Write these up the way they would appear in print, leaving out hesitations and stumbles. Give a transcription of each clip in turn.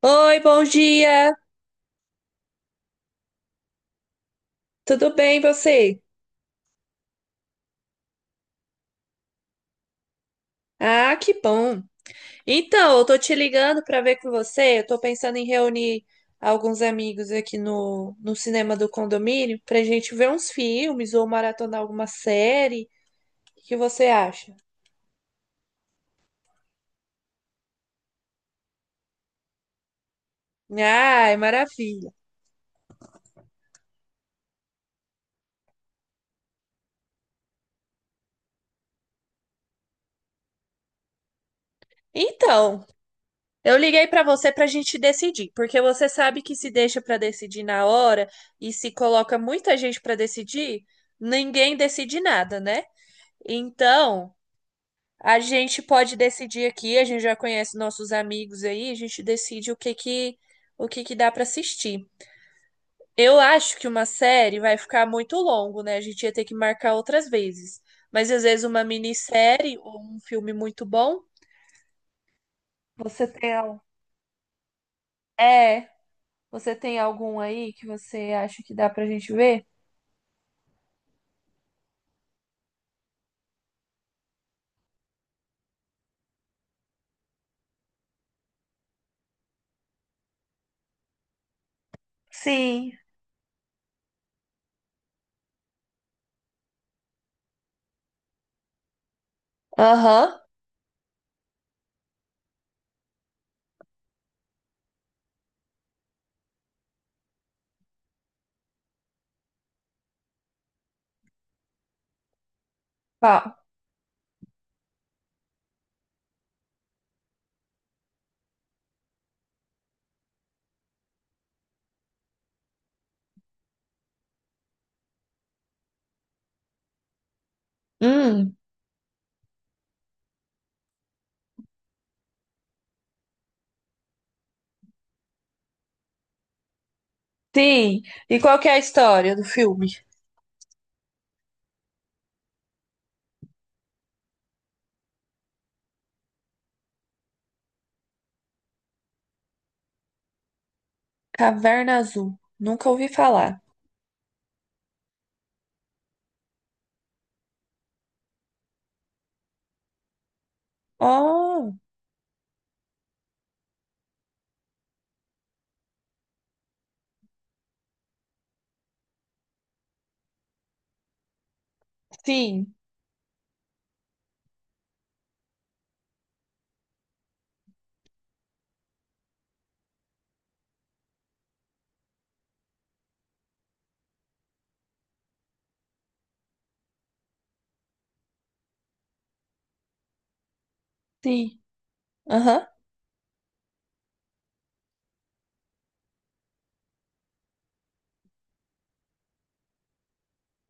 Oi, bom dia. Tudo bem, você? Ah, que bom. Então, eu tô te ligando para ver com você. Eu tô pensando em reunir alguns amigos aqui no cinema do condomínio pra gente ver uns filmes ou maratonar alguma série. O que você acha? Ai, maravilha. Então, eu liguei pra você pra gente decidir, porque você sabe que se deixa pra decidir na hora e se coloca muita gente pra decidir, ninguém decide nada, né? Então, a gente pode decidir aqui, a gente já conhece nossos amigos aí, a gente decide o que que dá para assistir. Eu acho que uma série vai ficar muito longo, né? A gente ia ter que marcar outras vezes. Mas às vezes uma minissérie ou um filme muito bom. Você tem al- É, você tem algum aí que você acha que dá pra gente ver? Sim. Aham. Qual? Hum, sim. E qual que é a história do filme? Caverna Azul. Nunca ouvi falar. Oh. Sim, sim. Aham.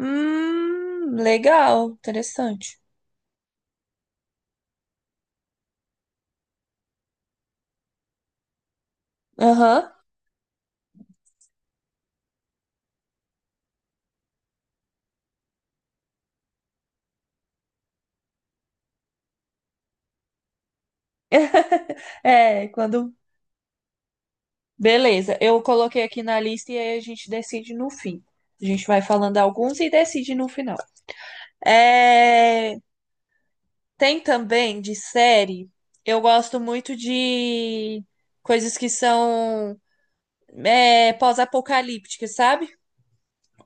Legal, interessante. Aham. É, quando. Beleza, eu coloquei aqui na lista e aí a gente decide no fim. A gente vai falando alguns e decide no final. É, tem também de série, eu gosto muito de coisas que são pós-apocalípticas, sabe?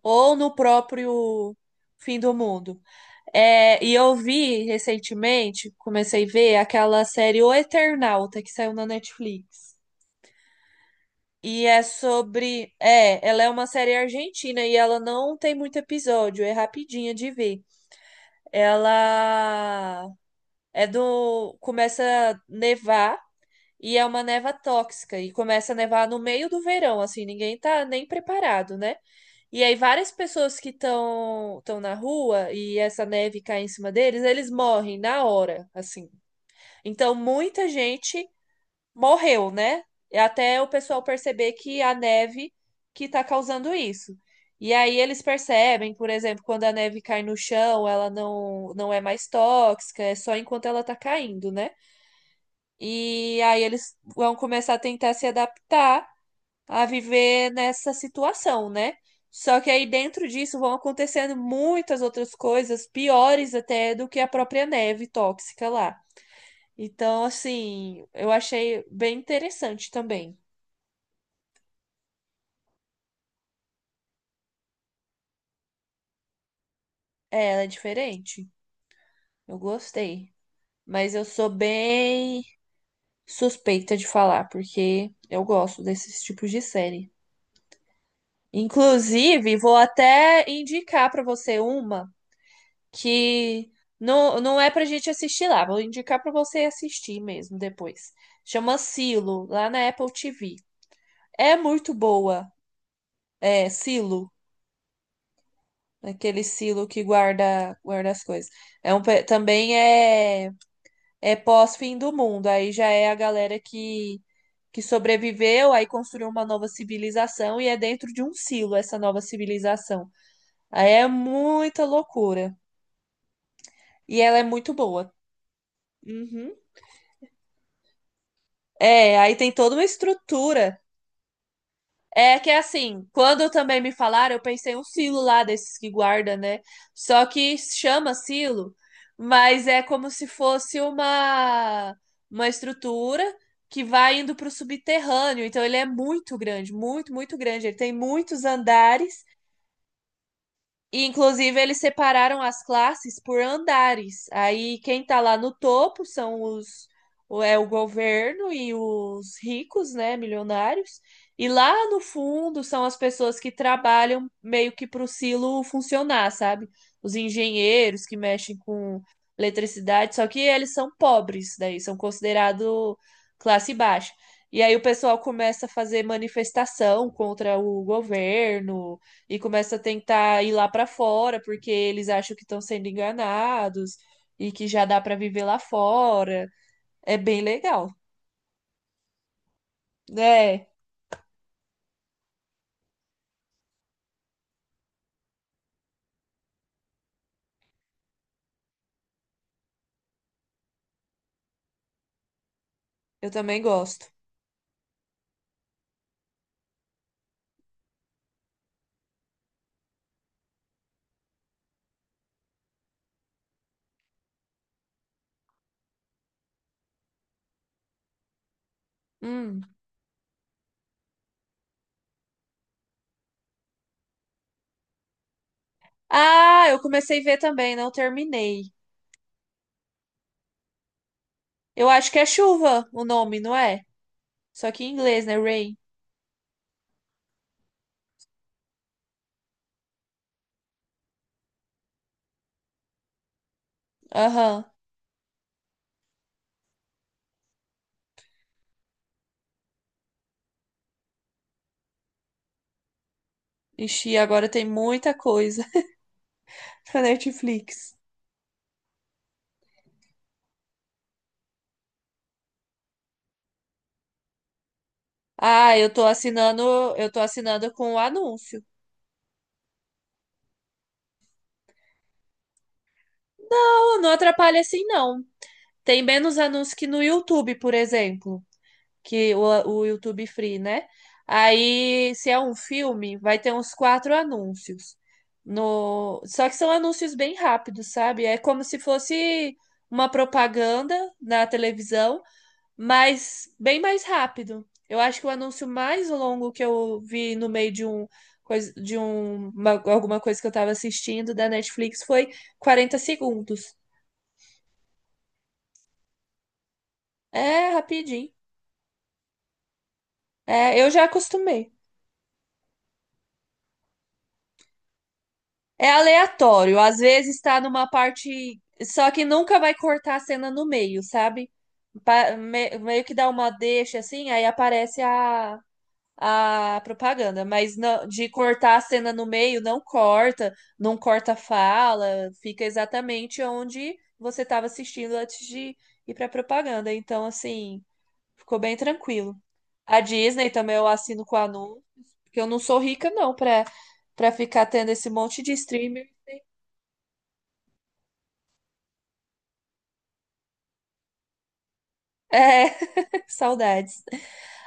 Ou no próprio fim do mundo. É, e eu vi recentemente, comecei a ver aquela série O Eternauta que saiu na Netflix. E é sobre. É, ela é uma série argentina e ela não tem muito episódio, é rapidinha de ver. Ela é do. Começa a nevar e é uma neva tóxica e começa a nevar no meio do verão, assim, ninguém tá nem preparado, né? E aí várias pessoas que estão na rua e essa neve cai em cima deles, eles morrem na hora, assim. Então muita gente morreu, né? Até o pessoal perceber que a neve que tá causando isso. E aí eles percebem, por exemplo, quando a neve cai no chão, ela não é mais tóxica, é só enquanto ela tá caindo, né? E aí eles vão começar a tentar se adaptar a viver nessa situação, né? Só que aí dentro disso vão acontecendo muitas outras coisas piores até do que a própria neve tóxica lá. Então, assim, eu achei bem interessante também. É, ela é diferente. Eu gostei. Mas eu sou bem suspeita de falar, porque eu gosto desses tipos de série. Inclusive, vou até indicar para você uma. Que não é pra gente assistir lá. Vou indicar pra você assistir mesmo depois. Chama Silo, lá na Apple TV. É muito boa. É, Silo, aquele Silo que guarda as coisas. Também é, é pós-fim do mundo. Aí já é que sobreviveu, aí construiu uma nova civilização e é dentro de um silo essa nova civilização. Aí é muita loucura. E ela é muito boa. Uhum. É, aí tem toda uma estrutura. É que é assim, quando também me falaram, eu pensei um silo lá desses que guarda, né? Só que chama silo, mas é como se fosse uma estrutura que vai indo para o subterrâneo. Então ele é muito grande, muito, muito grande. Ele tem muitos andares e, inclusive, eles separaram as classes por andares. Aí, quem tá lá no topo são é o governo e os ricos, né, milionários. E lá no fundo são as pessoas que trabalham meio que pro silo funcionar, sabe? Os engenheiros que mexem com eletricidade, só que eles são pobres, daí são considerados classe baixa. E aí o pessoal começa a fazer manifestação contra o governo e começa a tentar ir lá para fora porque eles acham que estão sendo enganados e que já dá para viver lá fora. É bem legal. É, eu também gosto. Hum. Ah, eu comecei a ver também, não terminei. Eu acho que é chuva o nome, não é? Só que em inglês, né? Rain. Aham. Ixi, agora tem muita coisa na Netflix. Ah, eu tô assinando com o anúncio. Não, não atrapalha assim, não. Tem menos anúncios que no YouTube, por exemplo, que o YouTube Free, né? Aí, se é um filme, vai ter uns quatro anúncios. No... Só que são anúncios bem rápidos, sabe? É como se fosse uma propaganda na televisão, mas bem mais rápido. Eu acho que o anúncio mais longo que eu vi no meio de um alguma coisa que eu estava assistindo da Netflix foi 40 segundos. É rapidinho. É, eu já acostumei. É aleatório. Às vezes tá numa parte. Só que nunca vai cortar a cena no meio, sabe? Meio que dá uma deixa assim, aí aparece a propaganda. Mas de cortar a cena no meio, não corta, não corta a fala, fica exatamente onde você estava assistindo antes de ir pra propaganda. Então, assim, ficou bem tranquilo. A Disney também eu assino com a Nu. Porque eu não sou rica, não, pra ficar tendo esse monte de streamer. É, saudades.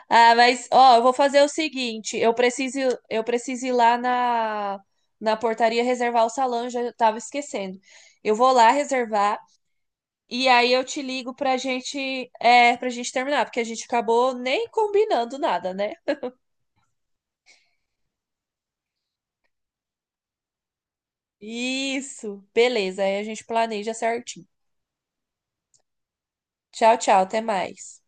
Ah, mas, ó, eu vou fazer o seguinte: eu preciso ir lá na portaria reservar o salão, já tava esquecendo. Eu vou lá reservar e aí eu te ligo pra gente, pra gente terminar, porque a gente acabou nem combinando nada, né? Isso, beleza, aí a gente planeja certinho. Tchau, tchau, até mais.